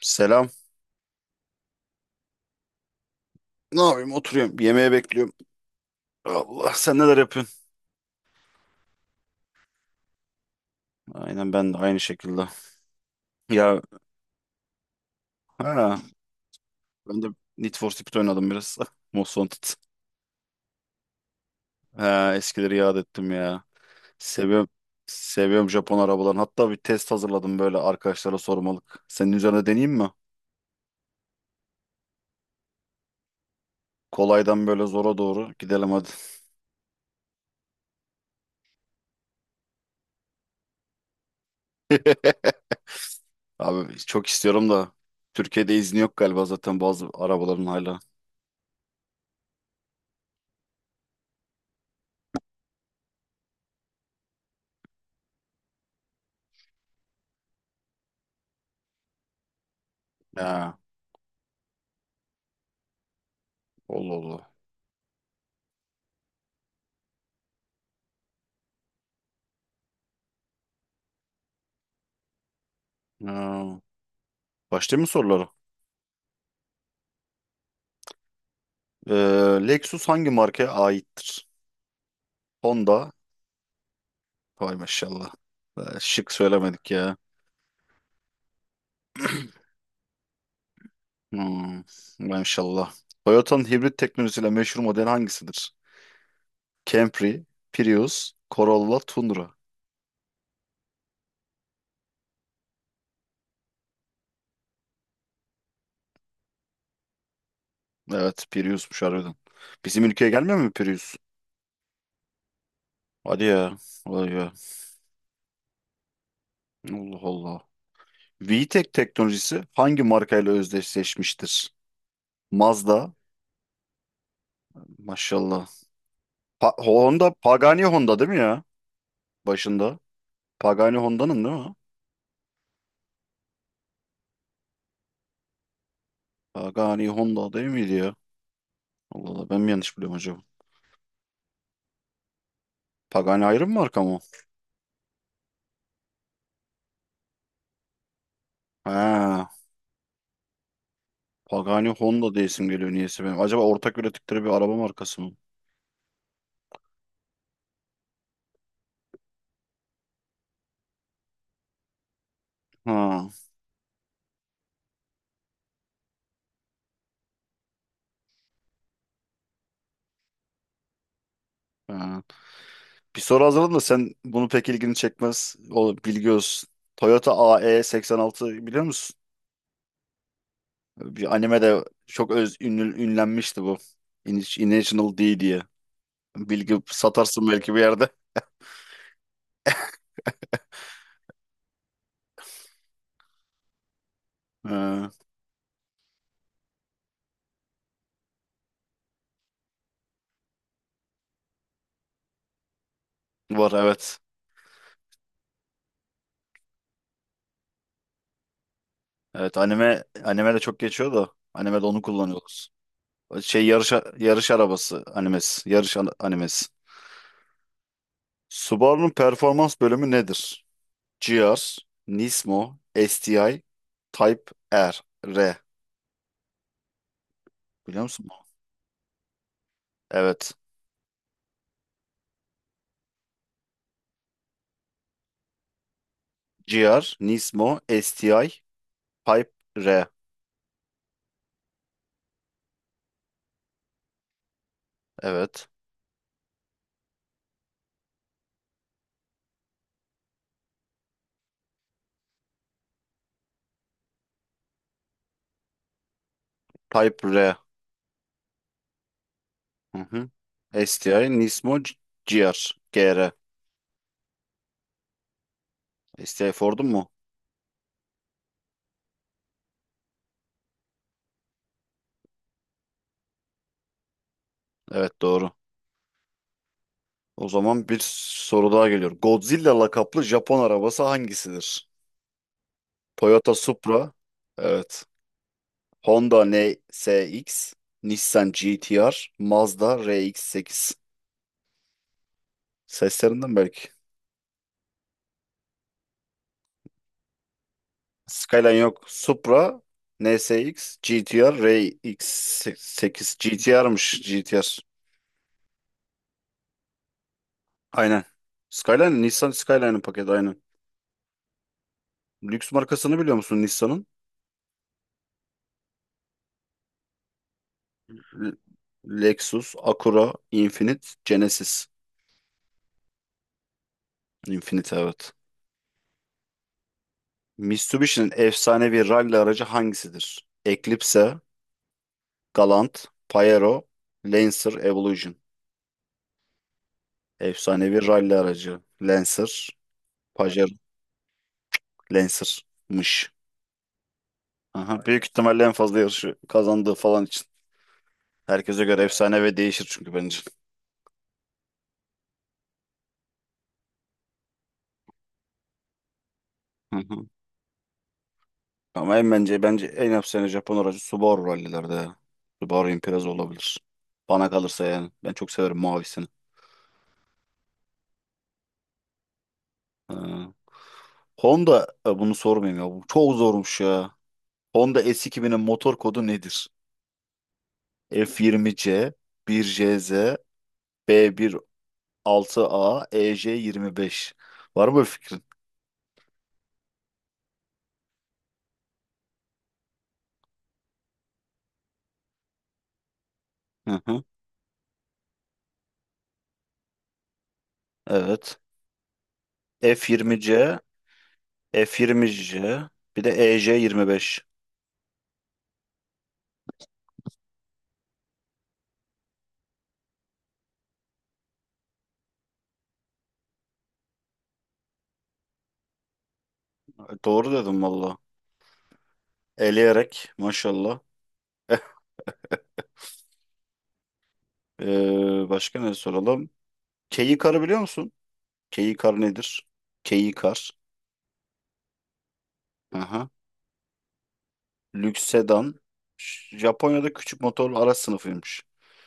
Selam. Ne yapayım? Oturuyorum. Yemeğe bekliyorum. Allah sen neler yapıyorsun? Aynen ben de aynı şekilde. Ya ha, ben de Need for Speed oynadım biraz. Most Wanted. Ha, eskileri yad ettim ya. Seviyorum. Seviyorum Japon arabalarını. Hatta bir test hazırladım böyle arkadaşlara sormalık. Senin üzerine deneyeyim mi? Kolaydan böyle zora doğru gidelim hadi. Abi çok istiyorum da Türkiye'de izni yok galiba zaten bazı arabaların hala. Ha, Allah Allah. Ha. Başlayayım mı sorulara? Ee, Lexus hangi markaya aittir? Honda. Vay maşallah. Şık söylemedik ya. Hmm, maşallah. Toyota'nın hibrit teknolojisiyle meşhur model hangisidir? Camry, Prius, Corolla, Tundra. Evet, Prius'muş harbiden. Bizim ülkeye gelmiyor mu Prius? Hadi ya. Vay be. Allah Allah. VTEC teknolojisi hangi markayla özdeşleşmiştir? Mazda. Maşallah. Honda, Pagani Honda değil mi ya? Başında. Pagani Honda'nın değil mi? Pagani Honda değil miydi ya? Allah Allah, ben mi yanlış biliyorum acaba? Pagani ayrı mı marka mı? Ha, Pagani Honda diye isim geliyor niyeyse benim. Acaba ortak ürettikleri bir araba markası mı? Ha, ha. Bir soru hazırladım da sen bunu pek ilgini çekmez. O bilgi olsun. Toyota AE86 biliyor musun? Bir animede çok öz ünlü, ünlenmişti bu. International D diye. Bilgi satarsın belki bir yerde. Ha, var, evet. Evet, anime de çok geçiyor da animede onu kullanıyoruz. Şey, yarış arabası animesi. Yarış animesi. Subaru'nun performans bölümü nedir? GR, Nismo, STI, Type R. R. Biliyor musun bu? Evet. GR, Nismo, STI, Type R. Evet. Type R. Hı hı. STI, Nismo, GR. GR. STI Ford'un mu? Evet, doğru. O zaman bir soru daha geliyor. Godzilla lakaplı Japon arabası hangisidir? Toyota Supra. Evet. Honda NSX, Nissan GT-R, Mazda RX-8. Seslerinden belki. Skyline yok. Supra, NSX, GT-R, RX-8. GT-R'mış, GT-R. Aynen. Skyline, Nissan Skyline'ın paketi, aynen. Lüks markasını biliyor musun Nissan'ın? L- Lexus, Acura, Infiniti, Genesis. Infiniti, evet. Mitsubishi'nin efsanevi rally aracı hangisidir? Eclipse, Galant, Pajero, Lancer Evolution. Efsanevi rally aracı. Lancer, Pajero, Lancer'mış. Aha, büyük ihtimalle en fazla yarışı kazandığı falan için. Herkese göre efsane ve değişir çünkü, bence. Hı hı. Ama en, bence en efsane Japon aracı Subaru, rallilerde ya. Subaru Impreza olabilir. Bana kalırsa yani. Ben çok severim mavisini. Ee, Honda, bunu sormayayım ya. Bu çok zormuş ya. Honda S2000'in motor kodu nedir? F20C, 1JZ, B16A, EJ5. Var mı bu fikrin? Hı hı. Evet. f yirmi c f yirmi c, bir de EJ5. Doğru dedim valla. Eleyerek maşallah. Başka ne soralım? Keyikar biliyor musun? Keyikar nedir? Keyikar. Hı hı. Lüks sedan. Japonya'da küçük motorlu araç sınıfıymış.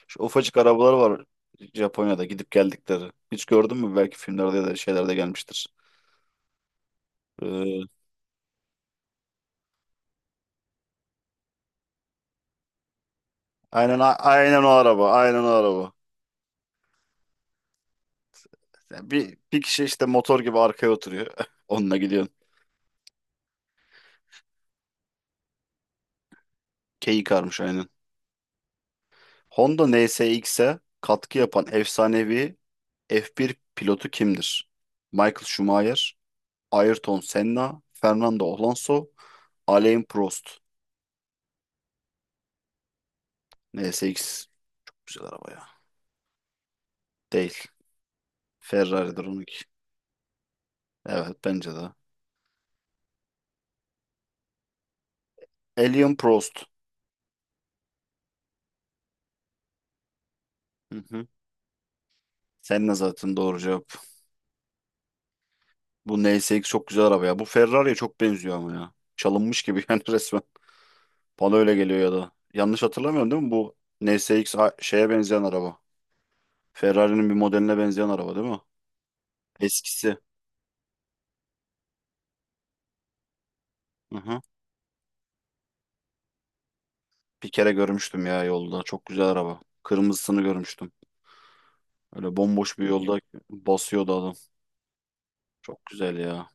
Şu ufacık arabalar var Japonya'da gidip geldikleri. Hiç gördün mü? Belki filmlerde ya da şeylerde gelmiştir. Ee, aynen o araba. Aynen o araba. Yani bir kişi işte motor gibi arkaya oturuyor. Onunla gidiyorsun. Keyik karmış aynen. Honda NSX'e katkı yapan efsanevi F1 pilotu kimdir? Michael Schumacher, Ayrton Senna, Fernando Alonso, Alain Prost. NSX güzel araba ya. Değil. Ferrari'dir onunki. Evet, bence de. Alain Prost. Hı hı. Senna zaten doğru cevap. Bu NSX çok güzel araba ya. Bu Ferrari'ye çok benziyor ama ya. Çalınmış gibi yani, resmen. Bana öyle geliyor ya da. Yanlış hatırlamıyorum değil mi? Bu NSX şeye benzeyen araba. Ferrari'nin bir modeline benzeyen araba değil mi? Eskisi. Hı hı. Bir kere görmüştüm ya yolda. Çok güzel araba. Kırmızısını görmüştüm. Öyle bomboş bir yolda basıyordu adam. Çok güzel ya.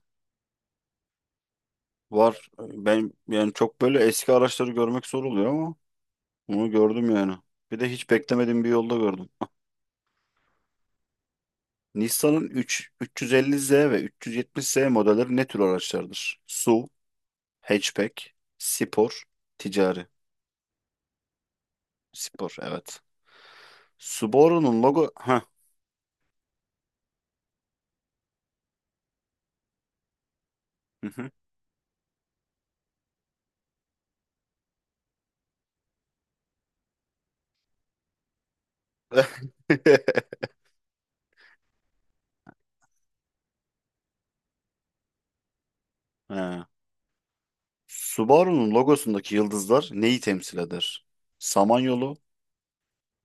Var. Ben yani çok böyle eski araçları görmek zor oluyor ama bunu gördüm yani. Bir de hiç beklemediğim bir yolda gördüm. Nissan'ın 3, 350Z ve 370Z modelleri ne tür araçlardır? SUV, hatchback, spor, ticari. Spor, evet. Heh. Hı hı. Ha. Subaru'nun logosundaki yıldızlar neyi temsil eder? Samanyolu,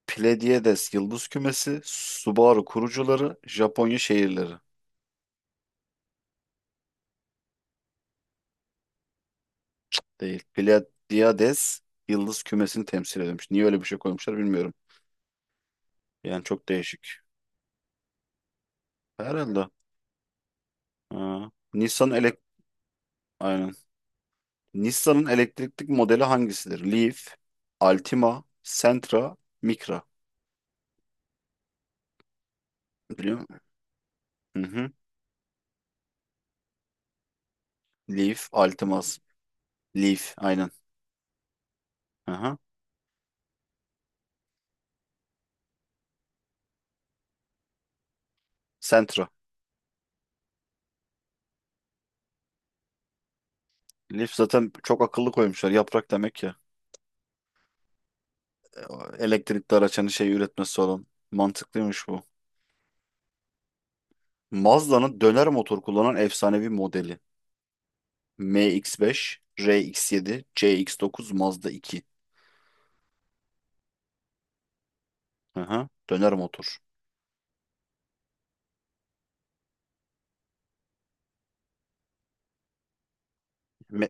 Pleiades yıldız kümesi, Subaru kurucuları, Japonya şehirleri. Değil. Pleiades yıldız kümesini temsil ediyormuş. Niye öyle bir şey koymuşlar bilmiyorum. Yani çok değişik. Herhalde. Ha. Nissan elek Aynen. Nissan'ın elektrikli modeli hangisidir? Leaf, Altima, Sentra, Micra. Biliyor musun? Hı hı. Leaf, Altima, Leaf aynen. Aha. Sentra. Leaf zaten, çok akıllı koymuşlar. Yaprak demek ya. E, Elektrikli araç hani, şey üretmesi olan. Mantıklıymış bu. Mazda'nın döner motor kullanan efsanevi modeli. MX-5, RX-7, CX-9, Mazda 2. Aha. Döner motor. M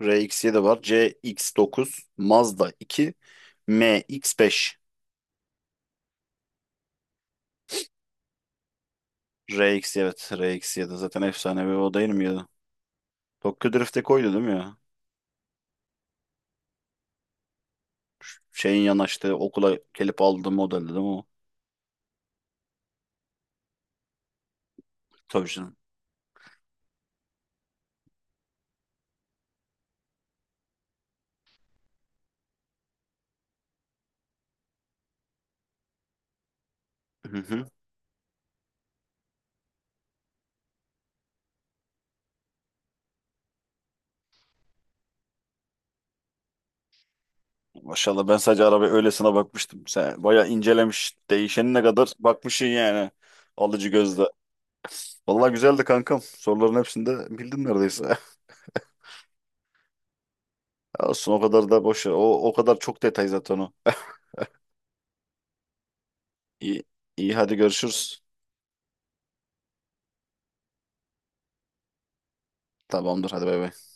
RX-7 var. CX-9, Mazda 2, MX-5. RX, evet, RX-7 zaten efsanevi o, değil mi ya? Tokyo Drift'e koydu değil mi ya? Şeyin yanaştığı okula gelip aldığı model değil mi o? Tabii canım. Hı hı. Maşallah, ben sadece arabaya öylesine bakmıştım. Sen bayağı incelemiş. Değişenine kadar bakmışsın yani. Alıcı gözle. Vallahi güzeldi kankam. Soruların hepsini de bildin neredeyse. Olsun, o kadar da boş ver. O kadar çok detay zaten o. İyi, iyi, hadi görüşürüz. Tamamdır, hadi, bay bay.